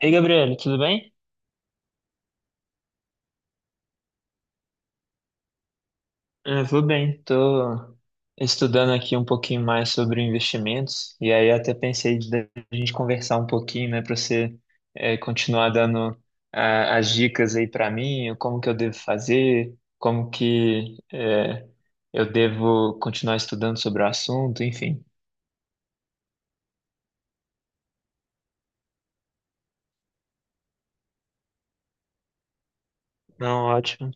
Ei, Gabriel, tudo bem? Eu vou bem, tô estudando aqui um pouquinho mais sobre investimentos e aí até pensei da gente conversar um pouquinho, né, para você continuar dando as dicas aí para mim, como que eu devo fazer, como que eu devo continuar estudando sobre o assunto, enfim. Não, ótimo.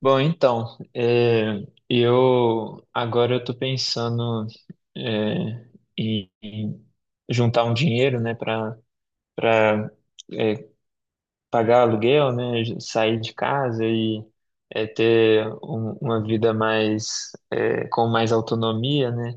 Bom, então, eu agora eu tô pensando eh, em juntar um dinheiro, né, para para pagar aluguel, né? Sair de casa e é, ter uma vida mais é, com mais autonomia, né?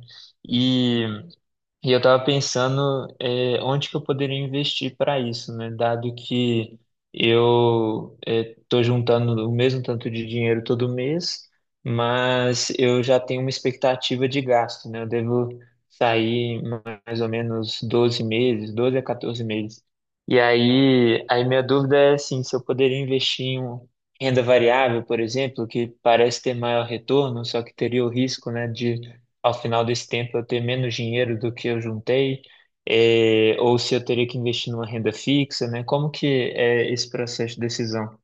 E eu estava pensando, onde que eu poderia investir para isso, né? Dado que eu estou juntando o mesmo tanto de dinheiro todo mês, mas eu já tenho uma expectativa de gasto, né? Eu devo sair mais ou menos 12 meses, 12 a 14 meses. E aí, minha dúvida é assim, se eu poderia investir em renda variável, por exemplo, que parece ter maior retorno, só que teria o risco, né, de ao final desse tempo eu ter menos dinheiro do que eu juntei, é, ou se eu teria que investir numa renda fixa, né? Como que é esse processo de decisão?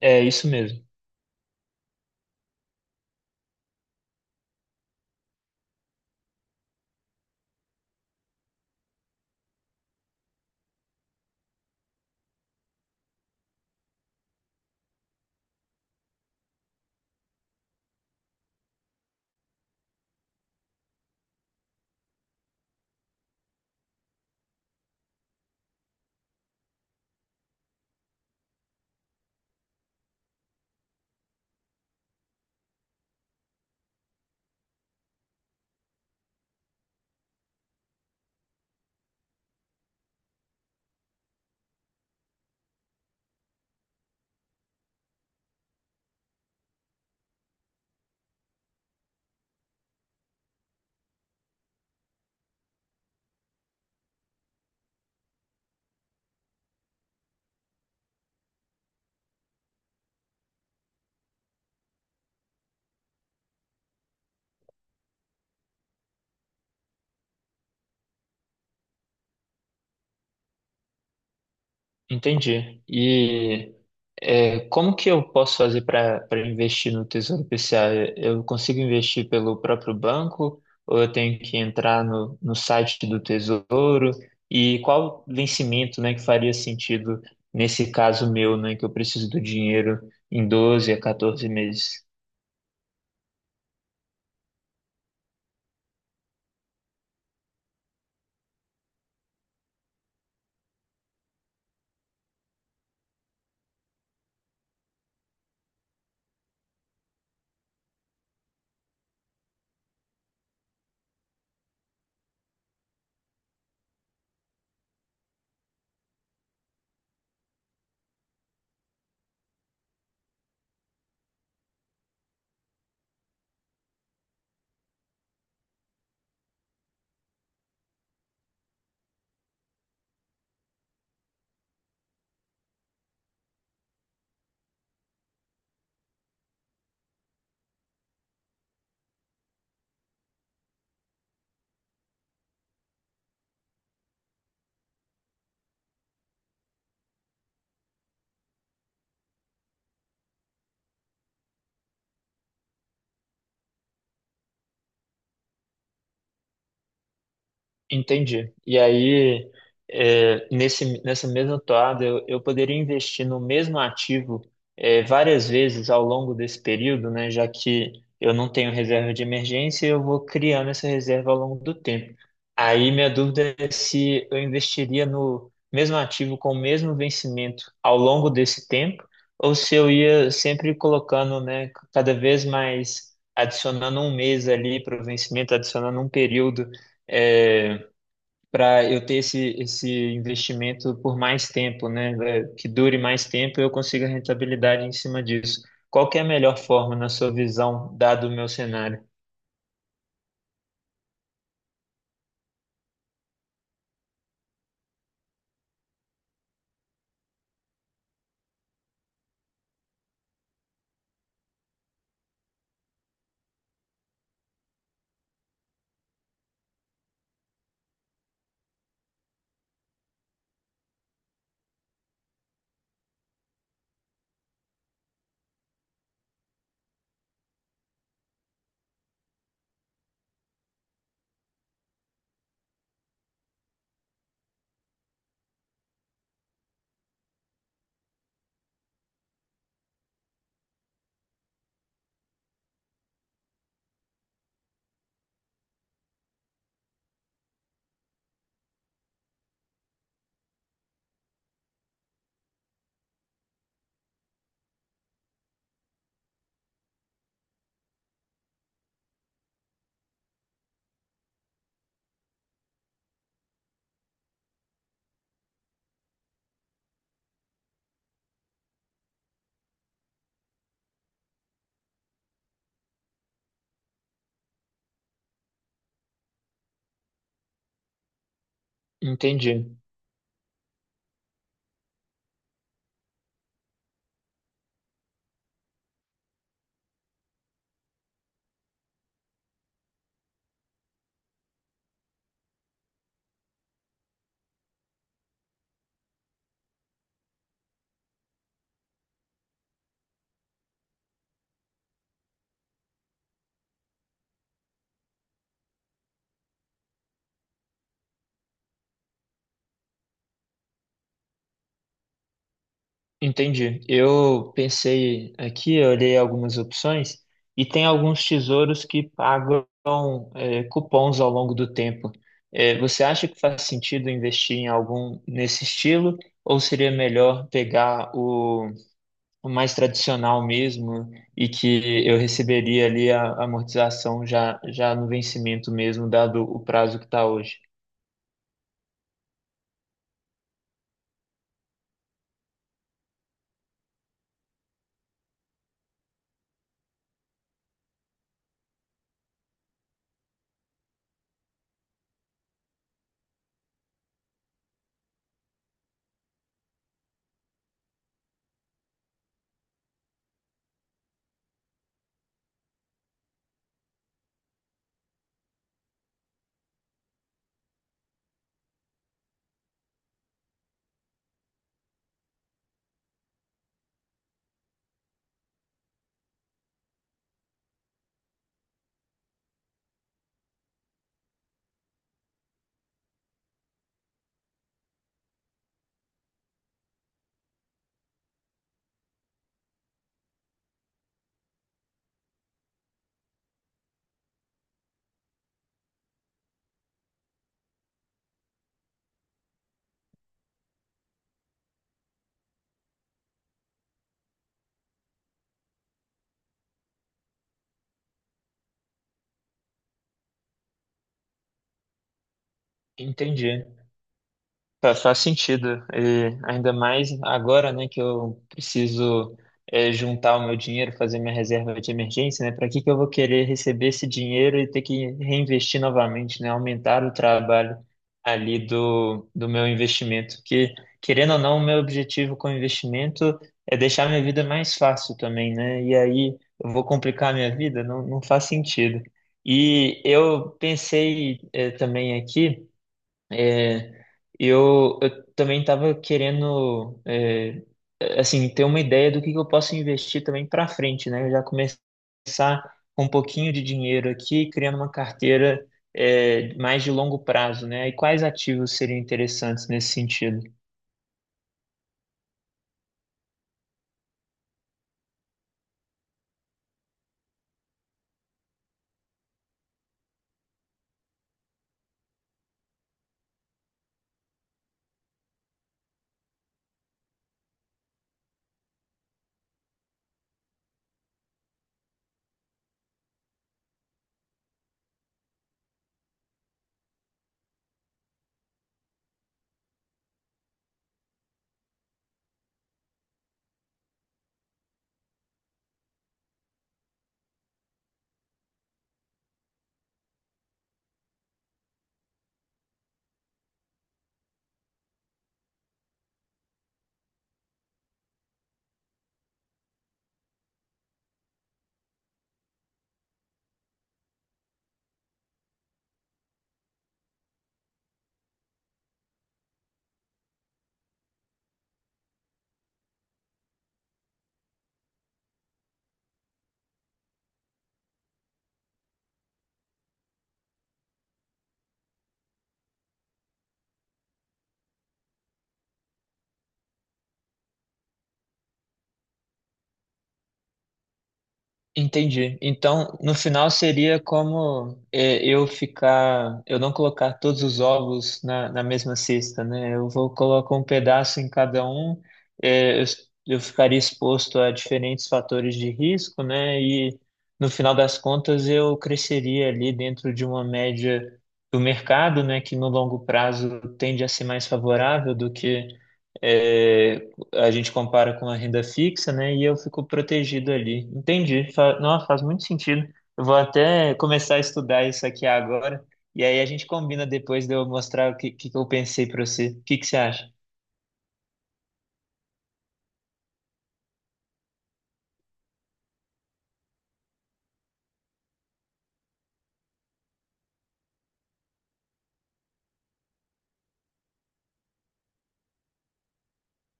É isso mesmo, entendi. E é, como que eu posso fazer para investir no Tesouro PCA? Eu consigo investir pelo próprio banco ou eu tenho que entrar no site do Tesouro? E qual vencimento, né, que faria sentido nesse caso meu, né, que eu preciso do dinheiro em 12 a 14 meses? Entendi. E aí, é, nessa mesma toada, eu poderia investir no mesmo ativo, é, várias vezes ao longo desse período, né? Já que eu não tenho reserva de emergência, eu vou criando essa reserva ao longo do tempo. Aí, minha dúvida é se eu investiria no mesmo ativo com o mesmo vencimento ao longo desse tempo, ou se eu ia sempre colocando, né, cada vez mais, adicionando um mês ali para o vencimento, adicionando um período. É, para eu ter esse investimento por mais tempo, né? Que dure mais tempo e eu consiga rentabilidade em cima disso. Qual que é a melhor forma, na sua visão, dado o meu cenário? Entendi, entendi. Eu pensei aqui, eu olhei algumas opções e tem alguns tesouros que pagam cupons ao longo do tempo. Eh, você acha que faz sentido investir em algum nesse estilo ou seria melhor pegar o mais tradicional mesmo e que eu receberia ali a amortização já, já no vencimento mesmo, dado o prazo que está hoje. Entendi. Faz sentido, e ainda mais agora, né, que eu preciso juntar o meu dinheiro, fazer minha reserva de emergência, né? Para que que eu vou querer receber esse dinheiro e ter que reinvestir novamente, né? Aumentar o trabalho ali do meu investimento, que querendo ou não, o meu objetivo com o investimento é deixar minha vida mais fácil também, né? E aí eu vou complicar a minha vida? Não, não faz sentido. E eu pensei também aqui. eh, eu também estava querendo, é, assim, ter uma ideia do que eu posso investir também para frente, né? Eu já começar com um pouquinho de dinheiro aqui, criando uma carteira, é, mais de longo prazo, né? E quais ativos seriam interessantes nesse sentido? Entendi. Então, no final seria como é, eu ficar, eu não colocar todos os ovos na mesma cesta, né? Eu vou colocar um pedaço em cada um, é, eu, eu ficaria exposto a diferentes fatores de risco, né? E no final das contas eu cresceria ali dentro de uma média do mercado, né? Que no longo prazo tende a ser mais favorável do que é, a gente compara com a renda fixa, né? E eu fico protegido ali. Entendi. Fa Nossa, faz muito sentido. Eu vou até começar a estudar isso aqui agora. E aí a gente combina depois de eu mostrar o que, que eu pensei para você. O que que você acha?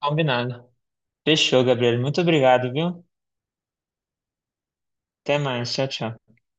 Combinado. Fechou, Gabriel. Muito obrigado, viu? Até mais. Tchau, tchau.